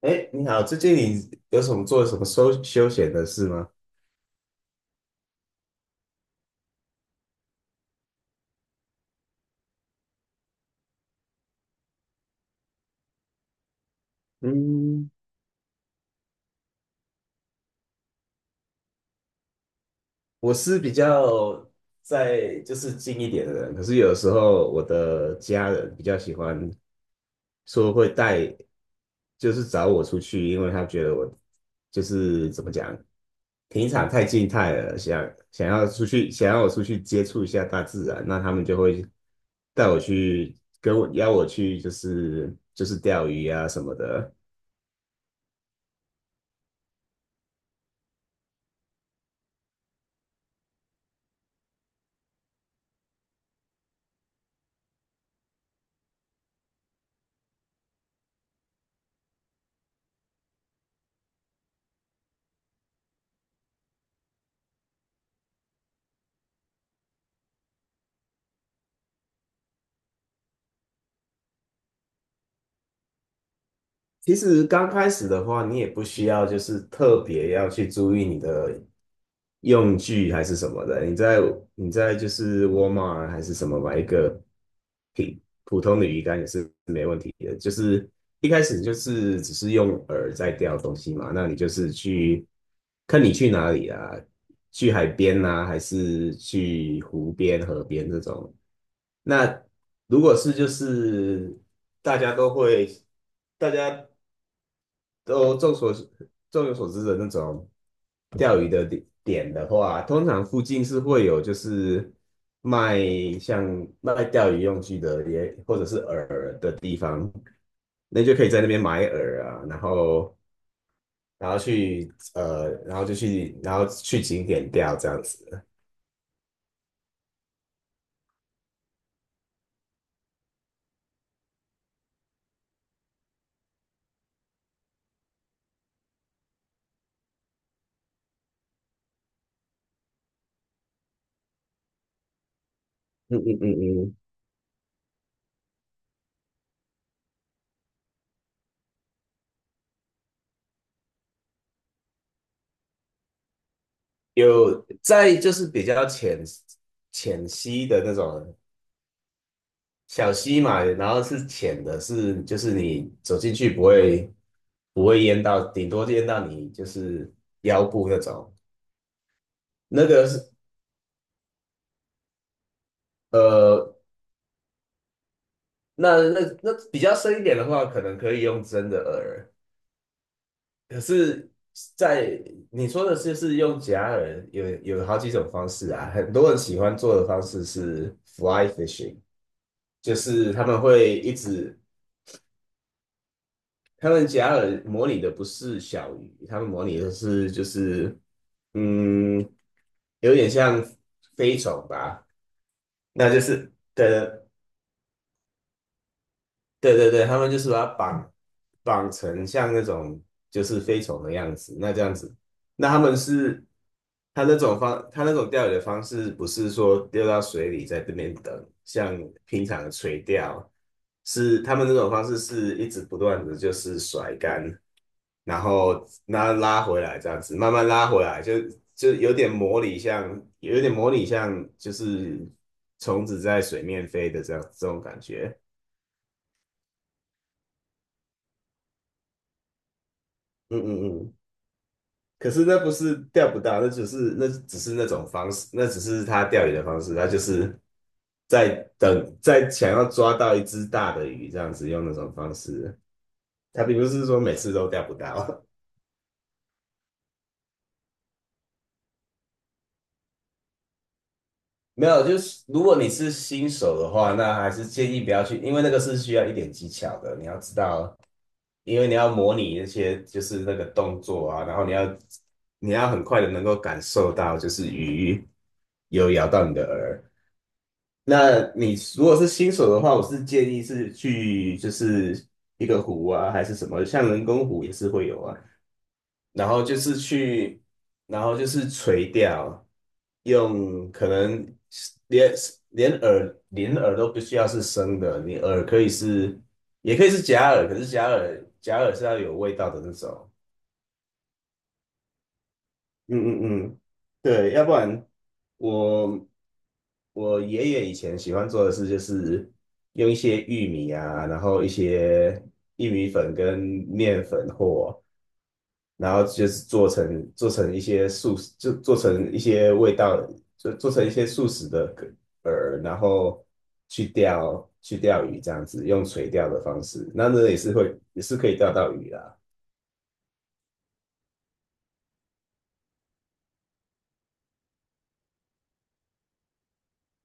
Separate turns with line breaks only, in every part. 哎，你好，最近你有什么休休闲的事吗？嗯，我是比较在就是近一点的人，可是有时候我的家人比较喜欢说会带，就是找我出去，因为他觉得我就是怎么讲，平常太静态了，想要出去，想要我出去接触一下大自然，那他们就会带我去邀我去，就是钓鱼啊什么的。其实刚开始的话，你也不需要就是特别要去注意你的用具还是什么的。你在就是 Walmart 还是什么买一个平普通的鱼竿也是没问题的。就是一开始就是只是用饵在钓东西嘛，那你就是去看你去哪里啊，去海边啊，还是去湖边、河边这种。那如果是就是大家都会，大家都众有所知的那种钓鱼的点的话，通常附近是会有就是卖像卖钓鱼用具的或者是饵的地方，那就可以在那边买饵啊，然后然后去呃，然后就去然后去景点钓这样子。嗯嗯嗯嗯，有在就是比较浅溪的那种小溪嘛，然后是浅的是，就是你走进去不会淹到，顶多淹到你就是腰部那种。那个是呃，那比较深一点的话，可能可以用真的饵。可是在，你说的是用假饵，有好几种方式啊。很多人喜欢做的方式是 fly fishing，就是他们会一直，他们假饵模拟的不是小鱼，他们模拟的是就是嗯，有点像飞虫吧，那就是的。对对对，他们就是把它绑成像那种就是飞虫的样子。那这样子，那他们是他那种钓鱼的方式不是说丢到水里在这边等，像平常的垂钓，是他们那种方式是一直不断的就是甩竿，然后拉回来这样子，慢慢拉回来，就有点模拟像，有点模拟像就是虫子在水面飞的这样这种感觉。嗯嗯嗯可是那不是钓不到，那只是那种方式，那只是他钓鱼的方式，他就是在等，在想要抓到一只大的鱼，这样子用那种方式。他并不是说每次都钓不到。没有，就是如果你是新手的话，那还是建议不要去，因为那个是需要一点技巧的，你要知道，因为你要模拟那些就是那个动作啊，然后你要很快的能够感受到就是鱼有咬到你的饵。那你如果是新手的话，我是建议是去就是一个湖啊，还是什么，像人工湖也是会有啊。然后就是去，然后就是垂钓，用可能连连饵都不需要是生的，你饵可以是也可以是假饵，可是假饵是要有味道的那种。嗯嗯嗯，对，要不然我我爷爷以前喜欢做的事就是用一些玉米啊，然后一些玉米粉跟面粉或，然后就是做成一些素食，就做成一些味道，就做成一些素食的饵，然后去钓鱼这样子，用垂钓的方式，那也是可以钓到鱼啦。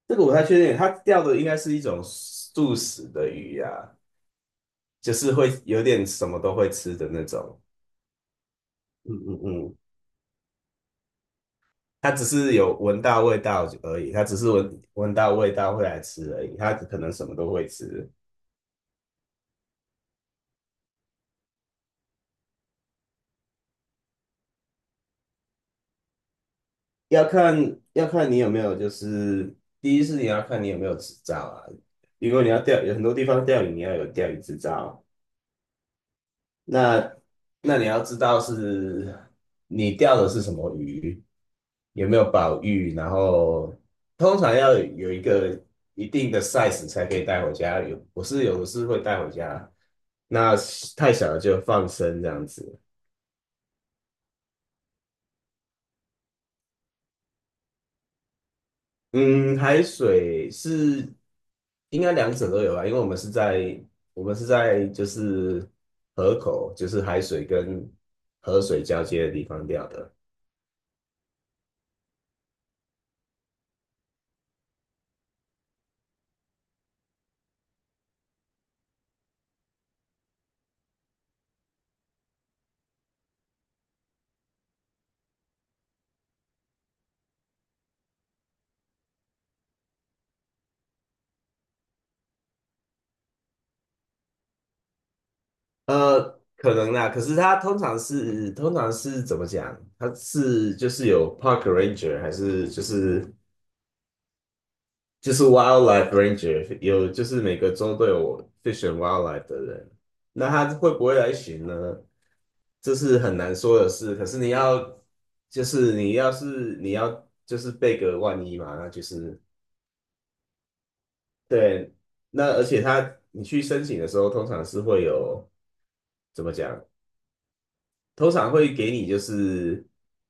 这个我不太确定，它钓的应该是一种素食的鱼呀，就是会有点什么都会吃的那种。嗯嗯嗯，它只是有闻到味道而已，它只是闻到味道会来吃而已，它可能什么都会吃。要看你有没有，就是第一是你要看你有没有执照啊，因为你要钓，有很多地方钓鱼你要有钓鱼执照，那那你要知道是你钓的是什么鱼。有没有保育，然后通常要有一个一定的 size 才可以带回家。我是有的是会带回家，那太小了就放生这样子。嗯，海水是应该两者都有吧，因为我们是在就是河口，就是海水跟河水交接的地方钓的。呃，可能啦，可是它通常是怎么讲？它是就是有 park ranger 还是就是 wildlife ranger，有就是每个州都有 fish and wildlife 的人，那他会不会来巡呢？这是很难说的事。可是你要，你要就是备个万一嘛，那就是对。那而且他你去申请的时候，通常是会有怎么讲？通常会给你就是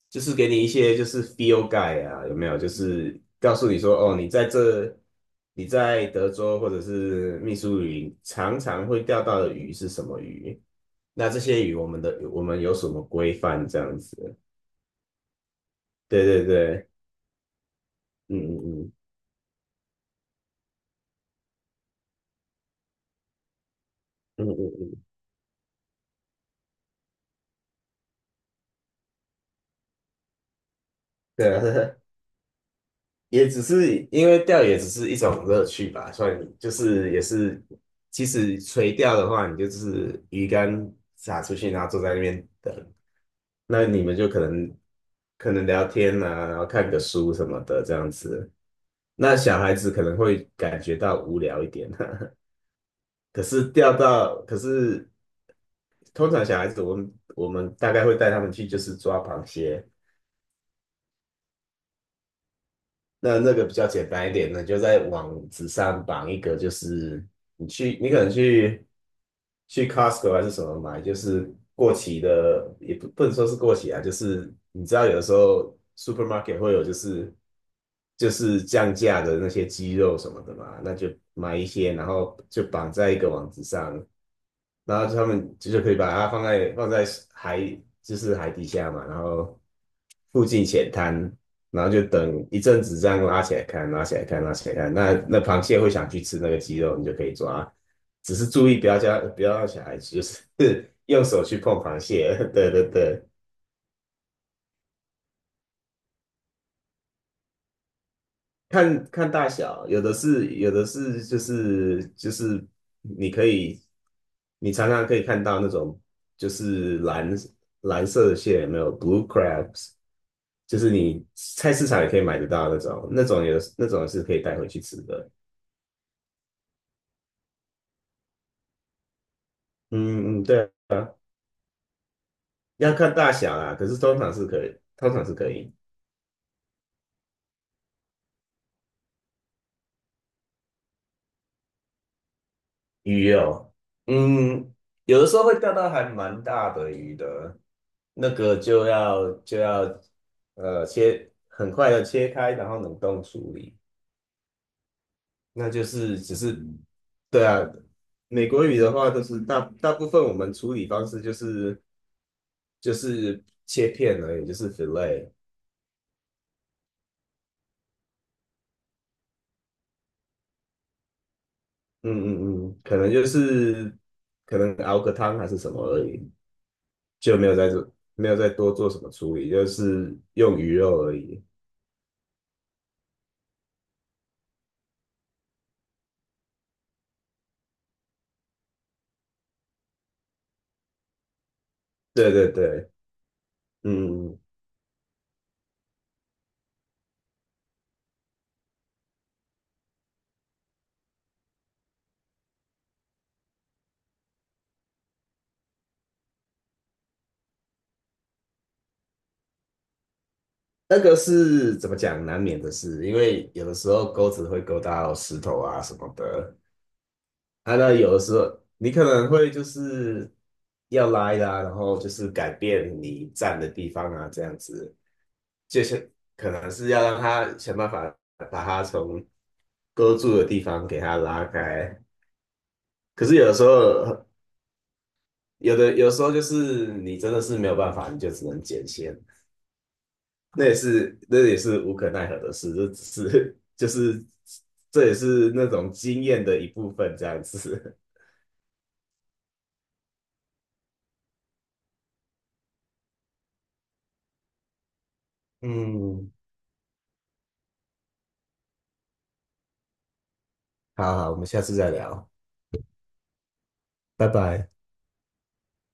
就是给你一些就是 feel guide 啊，有没有？就是告诉你说，哦，你在德州或者是密苏里常常会钓到的鱼是什么鱼？那这些鱼我们有什么规范这样子？对对对，嗯嗯嗯嗯嗯嗯，对啊。也只是因为钓也只是一种乐趣吧，所以就是也是，其实垂钓的话，你就是鱼竿撒出去，然后坐在那边等，那你们就可能聊天啊，然后看个书什么的这样子。那小孩子可能会感觉到无聊一点。可是钓到，可是通常小孩子我们大概会带他们去就是抓螃蟹，那那个比较简单一点呢，就在网址上绑一个，就是你可能去 Costco 还是什么买，就是过期的，也不能说是过期啊，就是你知道有的时候 supermarket 会有就是降价的那些鸡肉什么的嘛，那就买一些，然后就绑在一个网址上，然后他们就是可以把它放在海，就是海底下嘛，然后附近浅滩，然后就等一阵子这样拉起来看，拉起来看，拉起来看。那那螃蟹会想去吃那个鸡肉，你就可以抓，只是注意不要让小孩子就是 用手去碰螃蟹。对对对，看看大小，有的是就是你可以你常常可以看到那种就是蓝色的蟹，有没有 blue crabs。就是你菜市场也可以买得到那种，那种有那种是可以带回去吃的。嗯嗯，对啊，要看大小啦，可是通常是可以，通常是可以。鱼哦，嗯，有的时候会钓到还蛮大的鱼的，那个就要切，很快的切开，然后冷冻处理。那就是只是，对啊，美国语的话都是大部分我们处理方式就是就是切片而已，就是 fillet，嗯嗯嗯，可能熬个汤还是什么而已，就没有再多做什么处理，就是用鱼肉而已。对对对，嗯，嗯嗯那个是怎么讲，难免的事，因为有的时候钩子会勾到石头啊什么的，啊，那有的时候你可能会就是要拉的啊，然后就是改变你站的地方啊，这样子，就是可能是要让他想办法把他从勾住的地方给他拉开。可是有的时候，有时候就是你真的是没有办法，你就只能剪线，那也是无可奈何的事，这只是 就是这也是那种经验的一部分，这样子。嗯，好好，我们下次再聊，拜拜。